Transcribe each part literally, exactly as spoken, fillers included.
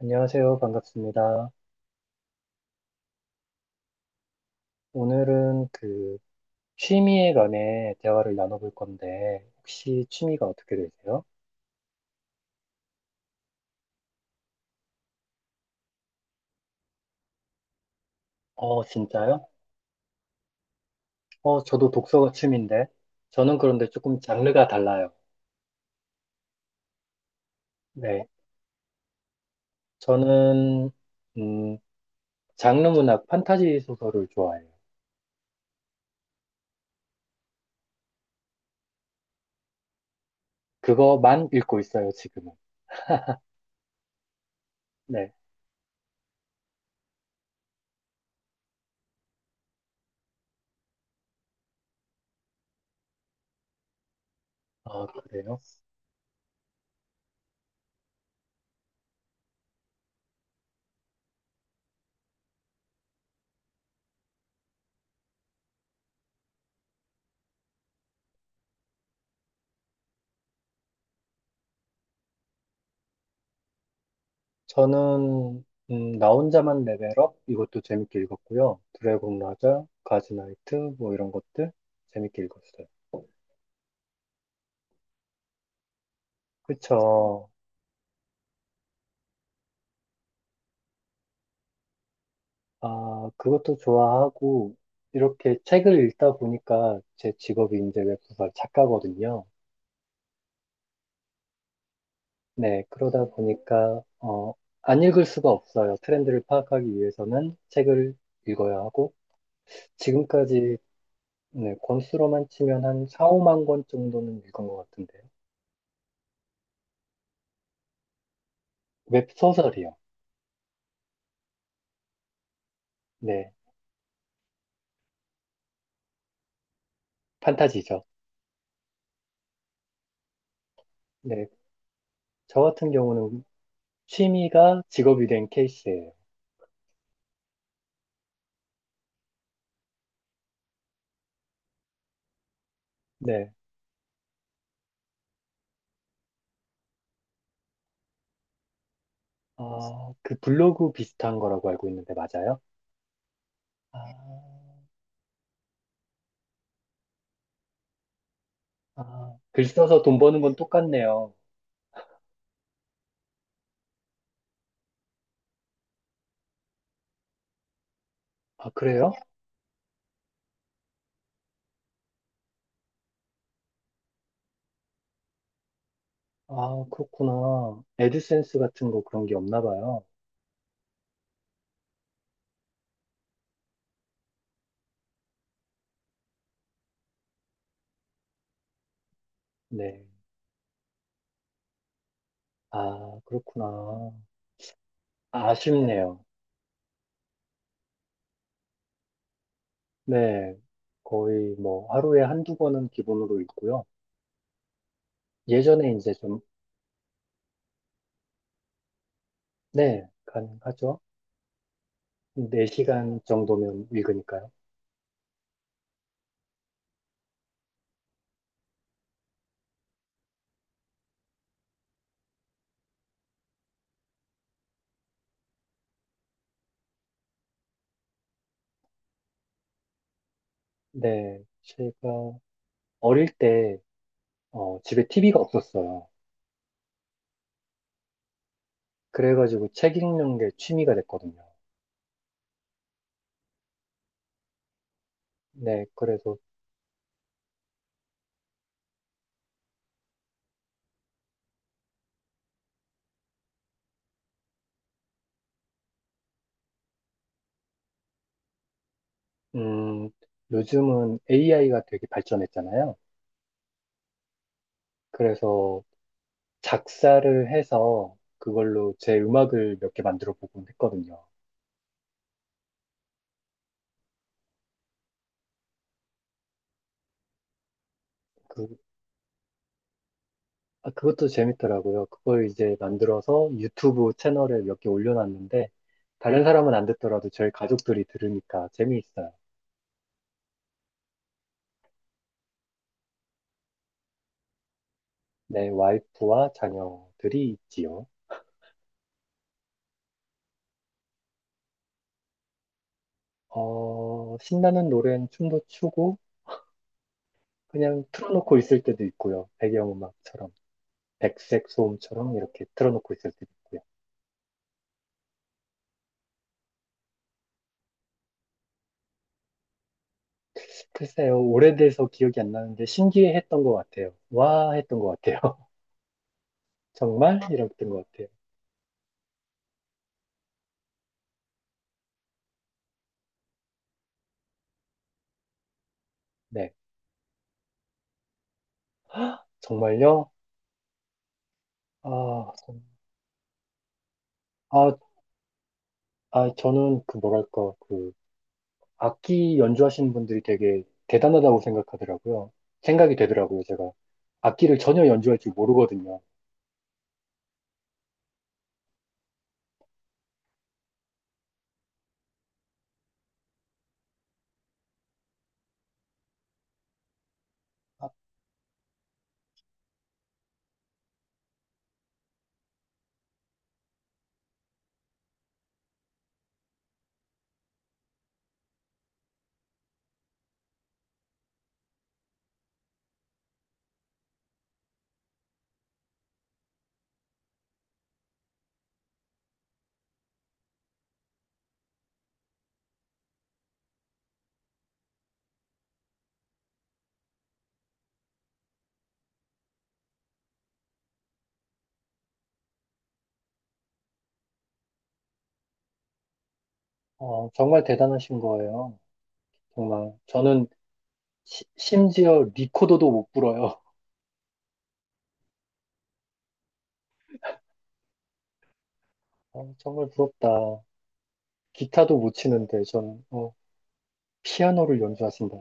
안녕하세요. 반갑습니다. 오늘은 그 취미에 관해 대화를 나눠볼 건데, 혹시 취미가 어떻게 되세요? 어, 진짜요? 어, 저도 독서가 취미인데, 저는 그런데 조금 장르가 달라요. 네. 저는, 음, 장르 문학 판타지 소설을 좋아해요. 그거만 읽고 있어요, 지금은. 네. 아, 그래요? 저는, 음, 나 혼자만 레벨업? 이것도 재밌게 읽었고요. 드래곤 라자, 가즈나이트, 뭐 이런 것들 재밌게 읽었어요. 그쵸. 아, 그것도 좋아하고, 이렇게 책을 읽다 보니까 제 직업이 이제 웹소설 작가거든요. 네, 그러다 보니까, 어, 안 읽을 수가 없어요. 트렌드를 파악하기 위해서는 책을 읽어야 하고, 지금까지 네, 권수로만 치면 한 사, 오만 권 정도는 읽은 것 같은데요. 웹소설이요. 네, 판타지죠. 네, 저 같은 경우는 취미가 직업이 된 케이스예요. 네, 어, 그 블로그 비슷한 거라고 알고 있는데 맞아요? 아, 아, 글 써서 돈 버는 건 똑같네요. 아, 그래요? 아, 그렇구나. 애드센스 같은 거 그런 게 없나 봐요. 네. 아, 그렇구나. 아쉽네요. 네. 거의 뭐 하루에 한두 번은 기본으로 읽고요. 예전에 이제 좀, 네, 가능하죠. 네 시간 정도면 읽으니까요. 네. 제가 어릴 때 어, 집에 티브이가 없었어요. 그래가지고 책 읽는 게 취미가 됐거든요. 네, 그래서, 음, 요즘은 에이아이가 되게 발전했잖아요. 그래서 작사를 해서 그걸로 제 음악을 몇 개 만들어 보곤 했거든요. 그, 아, 그것도 재밌더라고요. 그걸 이제 만들어서 유튜브 채널에 몇 개 올려놨는데, 다른 사람은 안 듣더라도 저희 가족들이 들으니까 재미있어요. 네, 와이프와 자녀들이 있지요. 어, 신나는 노래는 춤도 추고, 그냥 틀어놓고 있을 때도 있고요. 배경음악처럼, 백색 소음처럼 이렇게 틀어놓고 있을 때도 있고요. 글쎄요, 오래돼서 기억이 안 나는데 신기해했던 것 같아요. 와 했던 것 같아요. 정말? 이랬던 것 같아요. 네, 정말요? 아, 전- 아, 아, 저는 그 뭐랄까, 그 악기 연주하시는 분들이 되게 대단하다고 생각하더라고요. 생각이 되더라고요, 제가. 악기를 전혀 연주할 줄 모르거든요. 아, 어, 정말 대단하신 거예요. 정말. 저는 시- 심지어 리코더도 못 불어요. 어, 정말 부럽다. 기타도 못 치는데 전 어, 피아노를 연주하신다.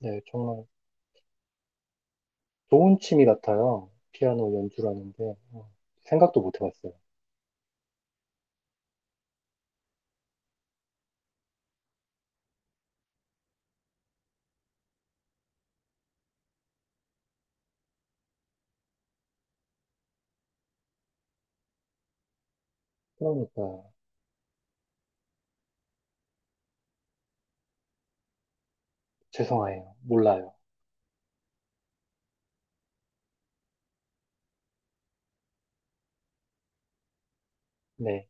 네, 정말 좋은 취미 같아요. 피아노 연주라는 게 어, 생각도 못 해봤어요. 그러니까 죄송해요. 몰라요. 네.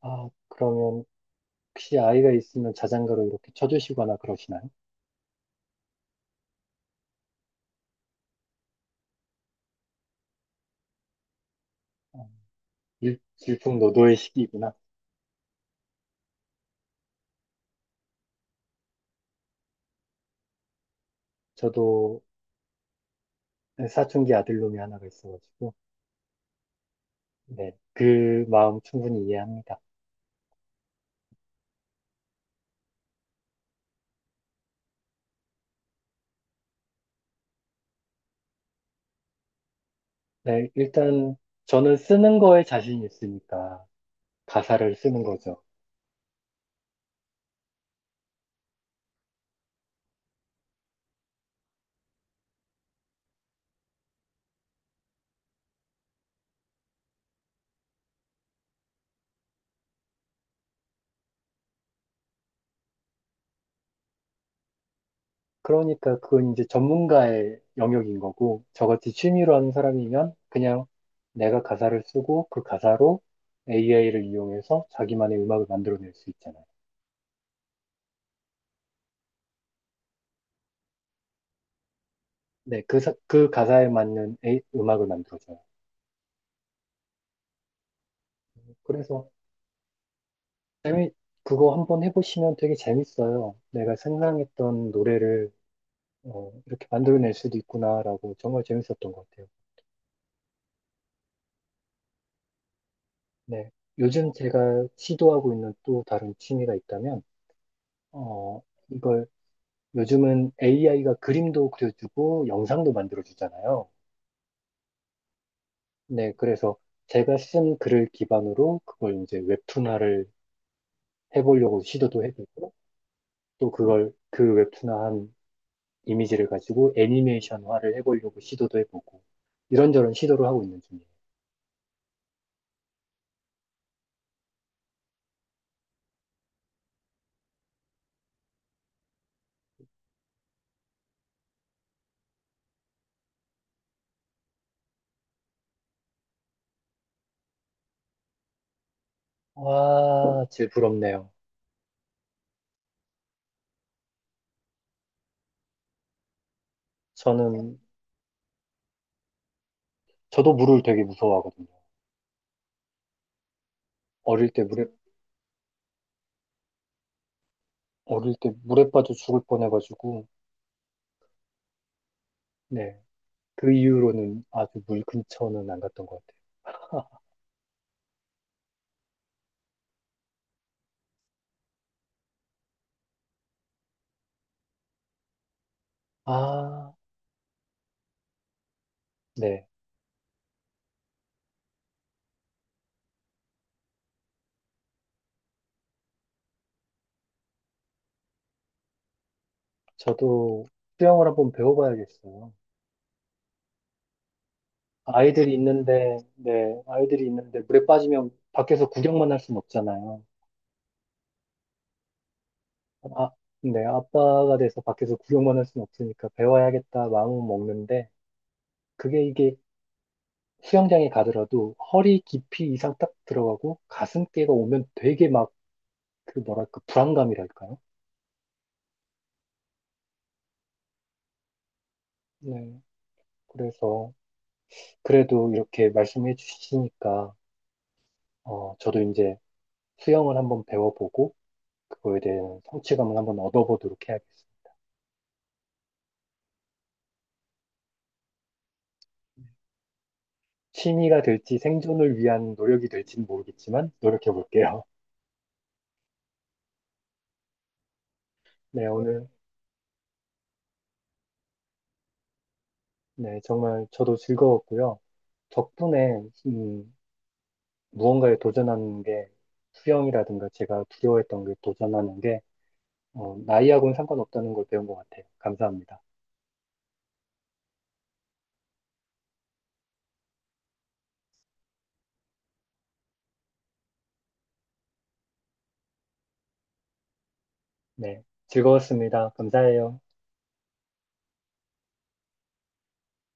아, 그러면 혹시 아이가 있으면 자장가로 이렇게 쳐주시거나 그러시나요? 어, 일, 일풍노도의 시기구나. 저도 사춘기 아들놈이 하나가 있어가지고 네, 그 마음 충분히 이해합니다. 네, 일단 저는 쓰는 거에 자신이 있으니까 가사를 쓰는 거죠. 그러니까 그건 이제 전문가의 영역인 거고 저같이 취미로 하는 사람이면 그냥 내가 가사를 쓰고 그 가사로 에이아이를 이용해서 자기만의 음악을 만들어낼 수 있잖아요. 네, 그, 사- 그 가사에 맞는 에이- 음악을 만들어줘요. 그래서 재미, 그거 한번 해보시면 되게 재밌어요. 내가 생각했던 노래를 어, 이렇게 만들어낼 수도 있구나라고 정말 재밌었던 것 같아요. 네. 요즘 제가 시도하고 있는 또 다른 취미가 있다면, 어, 이걸 요즘은 에이아이가 그림도 그려주고 영상도 만들어주잖아요. 네. 그래서 제가 쓴 글을 기반으로 그걸 이제 웹툰화를 해보려고 시도도 해보고, 또 그걸 그 웹툰화한 이미지를 가지고 애니메이션화를 해보려고 시도도 해보고, 이런저런 시도를 하고 있는 중이에요. 와, 제 부럽네요. 저는, 저도 물을 되게 무서워하거든요. 어릴 때 물에 어릴 때 물에 빠져 죽을 뻔해가지고, 네. 그 이후로는 아주 물 근처는 안 갔던 것 같아요. 아, 네. 저도 수영을 한번 배워봐야겠어요. 아이들이 있는데, 네. 아이들이 있는데 물에 빠지면 밖에서 구경만 할 순 없잖아요. 아, 네. 아빠가 돼서 밖에서 구경만 할 순 없으니까 배워야겠다 마음은 먹는데, 그게 이게 수영장에 가더라도 허리 깊이 이상 딱 들어가고 가슴께가 오면 되게 막 그 뭐랄까 불안감이랄까요? 네. 그래서 그래도 이렇게 말씀해 주시니까 어, 저도 이제 수영을 한번 배워보고 그거에 대한 성취감을 한번 얻어보도록 해야겠어요. 취미가 될지 생존을 위한 노력이 될지는 모르겠지만 노력해 볼게요. 네, 오늘 네, 정말 저도 즐거웠고요. 덕분에 음, 무언가에 도전하는 게 수영이라든가 제가 두려워했던 게 도전하는 게 어, 나이하고는 상관없다는 걸 배운 것 같아요. 감사합니다. 네, 즐거웠습니다. 감사해요.